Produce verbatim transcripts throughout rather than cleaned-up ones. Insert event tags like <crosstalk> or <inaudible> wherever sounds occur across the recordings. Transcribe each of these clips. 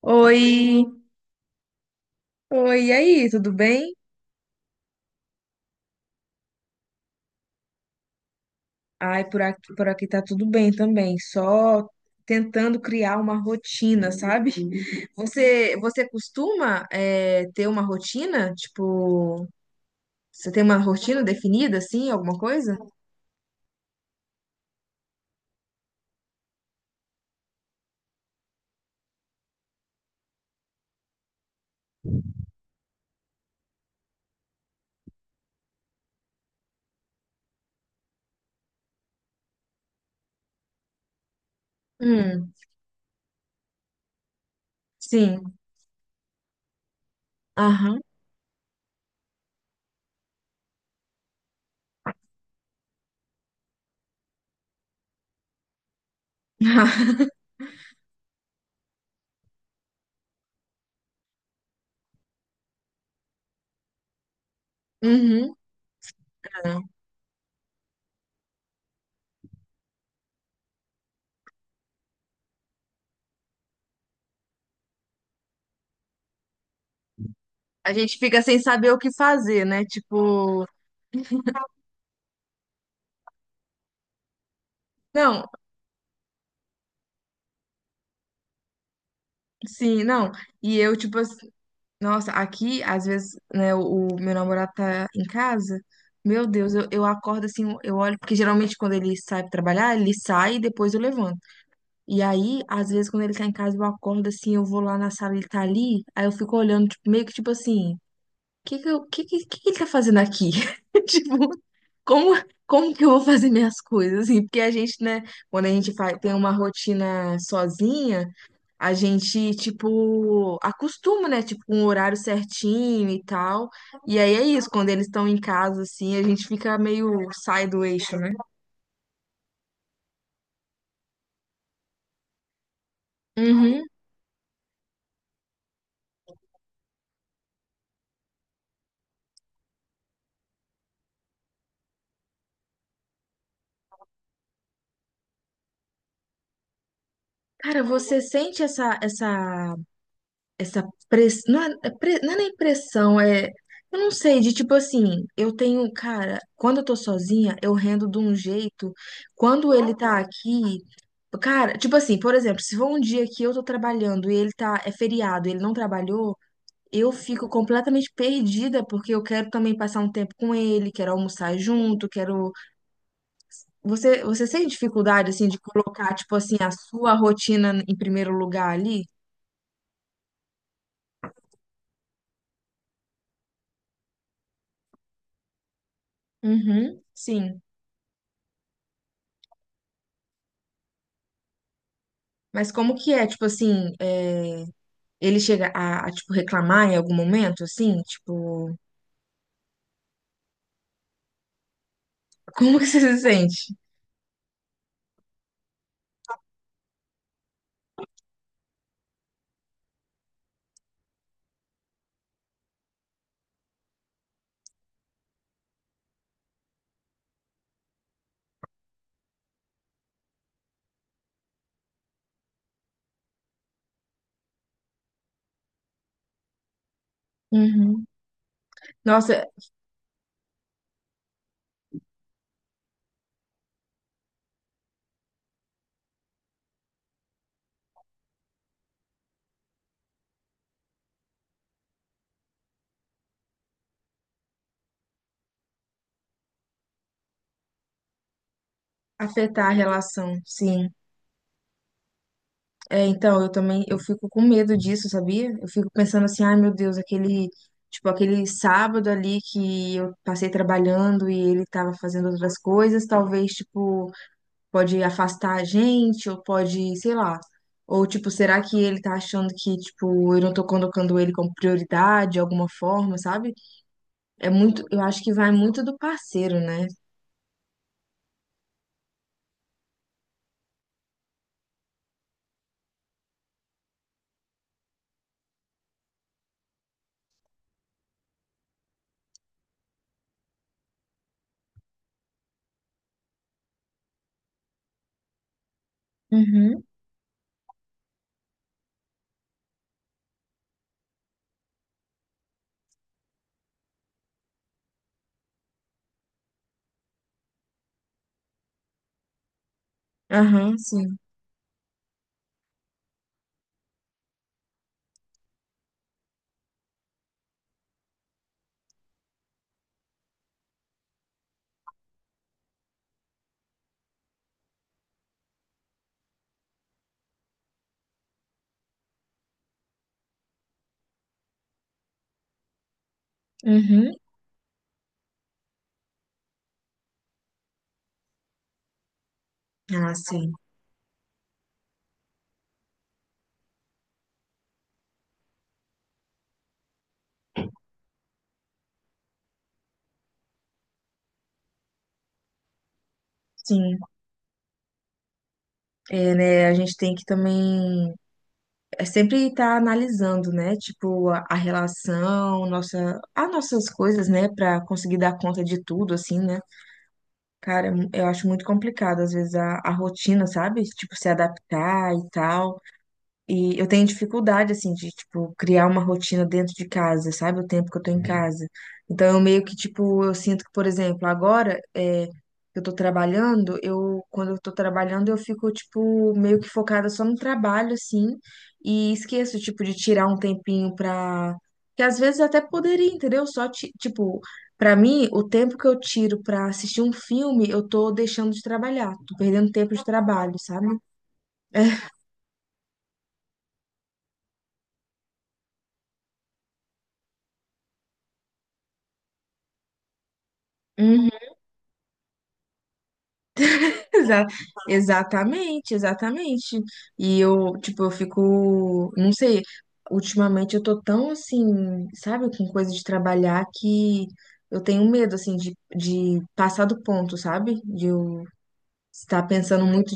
Oi, oi, e aí, tudo bem? Ai, por aqui, por aqui tá tudo bem também, só tentando criar uma rotina, sabe? Você, você costuma é, ter uma rotina? Tipo, você tem uma rotina definida, assim, alguma coisa? Hum, sim, aham. <laughs> Uhum. A gente fica sem saber o que fazer, né? Tipo, não, sim, não. E eu, tipo, assim, nossa, aqui, às vezes, né, o, o meu namorado tá em casa. Meu Deus, eu, eu acordo assim, eu olho, porque geralmente quando ele sai pra trabalhar, ele sai e depois eu levanto. E aí, às vezes, quando ele tá em casa, eu acordo assim, eu vou lá na sala, ele tá ali, aí eu fico olhando, tipo, meio que tipo assim, o que que, eu- que, que, que que ele tá fazendo aqui? <laughs> Tipo, como, como que eu vou fazer minhas coisas, assim? Porque a gente, né, quando a gente faz, tem uma rotina sozinha a gente, tipo, acostuma, né? Tipo, um horário certinho e tal. E aí é isso, quando eles estão em casa, assim, a gente fica meio, sai do eixo, né? Uhum. Cara, você sente essa, essa, essa pressão, não é, é pre- não é nem pressão, é, eu não sei, de tipo assim, eu tenho, cara, quando eu tô sozinha, eu rendo de um jeito, quando ele tá aqui, cara, tipo assim, por exemplo, se for um dia que eu tô trabalhando e ele tá, é feriado, ele não trabalhou, eu fico completamente perdida porque eu quero também passar um tempo com ele, quero almoçar junto, quero. Você, você sente dificuldade assim de colocar tipo assim a sua rotina em primeiro lugar ali? Uhum, sim. Mas como que é, tipo assim, é, ele chega a, a, tipo reclamar em algum momento, assim, tipo, como que você <laughs> se sente? Uhum. Nossa, afetar a relação, sim. É, então, eu também, eu fico com medo disso, sabia? Eu fico pensando assim, ai meu Deus, aquele, tipo, aquele sábado ali que eu passei trabalhando e ele tava fazendo outras coisas, talvez, tipo, pode afastar a gente, ou pode, sei lá. Ou, tipo, será que ele tá achando que, tipo, eu não tô colocando ele como prioridade de alguma forma, sabe? É muito, eu acho que vai muito do parceiro, né? Uhum, aham, sim. Uhum. Ah, sim. Sim, é, né? A gente tem que também é sempre estar analisando, né? Tipo, a, a relação, nossa, as nossas coisas, né? Pra conseguir dar conta de tudo, assim, né? Cara, eu acho muito complicado, às vezes, a, a rotina, sabe? Tipo, se adaptar e tal. E eu tenho dificuldade, assim, de, tipo, criar uma rotina dentro de casa, sabe? O tempo que eu tô em, uhum, casa. Então, eu meio que, tipo, eu sinto que, por exemplo, agora é, eu tô trabalhando, eu, quando eu tô trabalhando, eu fico, tipo, meio que focada só no trabalho, assim, e esqueço, tipo, de tirar um tempinho pra... Que às vezes até poderia, entendeu? Só, ti- tipo, pra mim, o tempo que eu tiro pra assistir um filme, eu tô deixando de trabalhar, tô perdendo tempo de trabalho, sabe? Exa- exatamente, exatamente. E eu, tipo, eu fico, não sei, ultimamente eu tô tão assim, sabe, com coisa de trabalhar que eu tenho medo, assim, de, de passar do ponto, sabe? De eu estar pensando muito.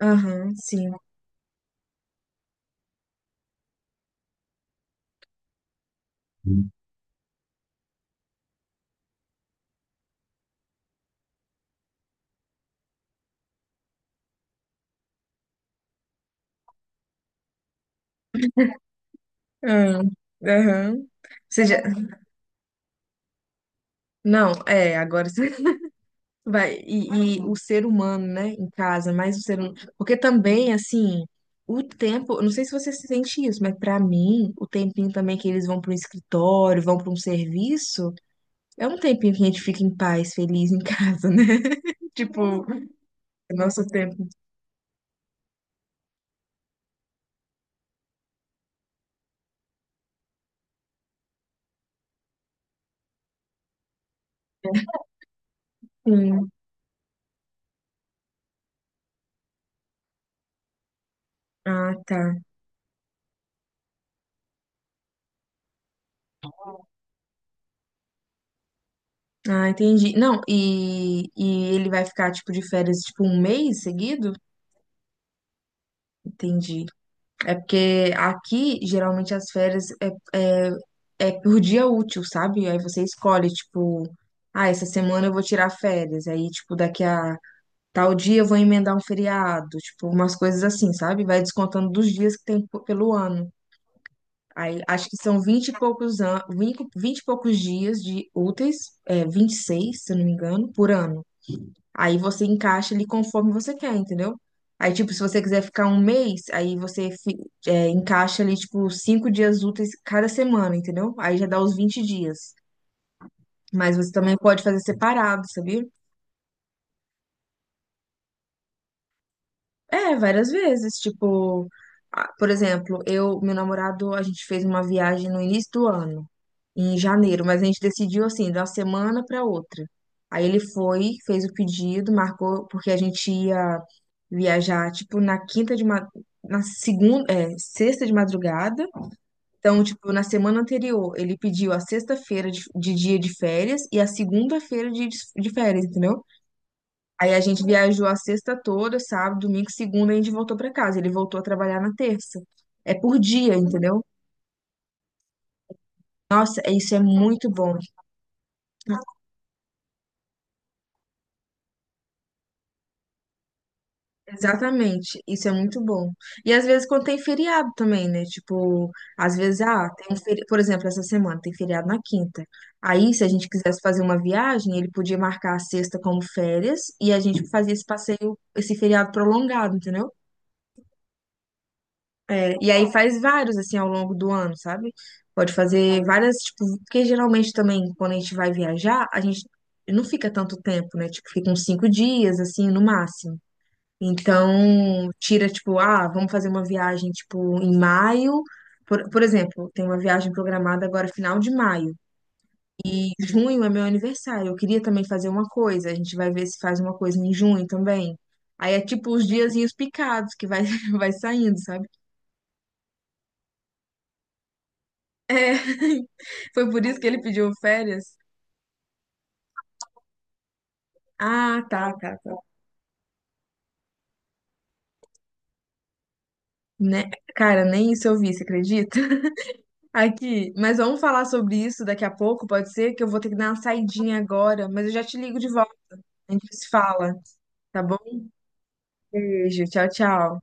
Aham, sim. Aham, aham. Ou seja, não, é, agora. <laughs> Vai, e, e o ser humano, né, em casa, mais o ser humano. Porque também, assim, o tempo, eu não sei se você se sente isso, mas pra mim, o tempinho também que eles vão para um escritório, vão para um serviço, é um tempinho que a gente fica em paz, feliz em casa, né? <laughs> Tipo, é nosso tempo. Sim. Ah, tá. Ah, entendi. Não, e, e ele vai ficar, tipo, de férias, tipo, um mês seguido? Entendi. É porque aqui, geralmente, as férias é, é, é por dia útil, sabe? Aí você escolhe, tipo, ah, essa semana eu vou tirar férias. Aí, tipo, daqui a tal dia eu vou emendar um feriado. Tipo, umas coisas assim, sabe? Vai descontando dos dias que tem po- pelo ano. Aí, acho que são vinte e poucos, an... vinte e poucos dias de úteis, é, vinte e seis, se eu não me engano, por ano. Aí você encaixa ele conforme você quer, entendeu? Aí, tipo, se você quiser ficar um mês, aí você fi- é, encaixa ali, tipo, cinco dias úteis cada semana, entendeu? Aí já dá os vinte dias. Mas você também pode fazer separado, sabia? É, várias vezes, tipo, ah, por exemplo, eu, meu namorado, a gente fez uma viagem no início do ano, em janeiro, mas a gente decidiu assim, de uma semana para outra. Aí ele foi, fez o pedido, marcou, porque a gente ia viajar, tipo, na quinta de ma... na segunda, é, sexta de madrugada. Então, tipo, na semana anterior, ele pediu a sexta-feira de, de dia de férias e a segunda-feira de, de férias, entendeu? Aí a gente viajou a sexta toda, sábado, domingo, segunda, e a gente voltou pra casa. Ele voltou a trabalhar na terça. É por dia, entendeu? Nossa, é- isso é muito bom. Exatamente, isso é muito bom. E às vezes quando tem feriado também, né? Tipo, às vezes, ah, tem um feriado, por exemplo, essa semana tem feriado na quinta. Aí, se a gente quisesse fazer uma viagem, ele podia marcar a sexta como férias e a gente fazia esse passeio, esse feriado prolongado, entendeu? É, e aí faz vários, assim, ao longo do ano, sabe? Pode fazer várias, tipo, porque geralmente também, quando a gente vai viajar, a gente não fica tanto tempo, né? Tipo, fica uns cinco dias, assim, no máximo. Então, tira, tipo, ah, vamos fazer uma viagem, tipo, em maio. Por, por exemplo, tem uma viagem programada agora, final de maio. E junho é meu aniversário. Eu queria também fazer uma coisa. A gente vai ver se faz uma coisa em junho também. Aí é tipo os diazinhos picados que vai, <laughs> vai saindo, sabe? É, <laughs> foi por isso que ele pediu férias? Ah, tá, tá, tá. Né? Cara, nem isso eu vi, você acredita? <laughs> Aqui, mas vamos falar sobre isso daqui a pouco, pode ser? Que eu vou ter que dar uma saidinha agora, mas eu já te ligo de volta, a gente se fala, tá bom? Beijo, tchau, tchau.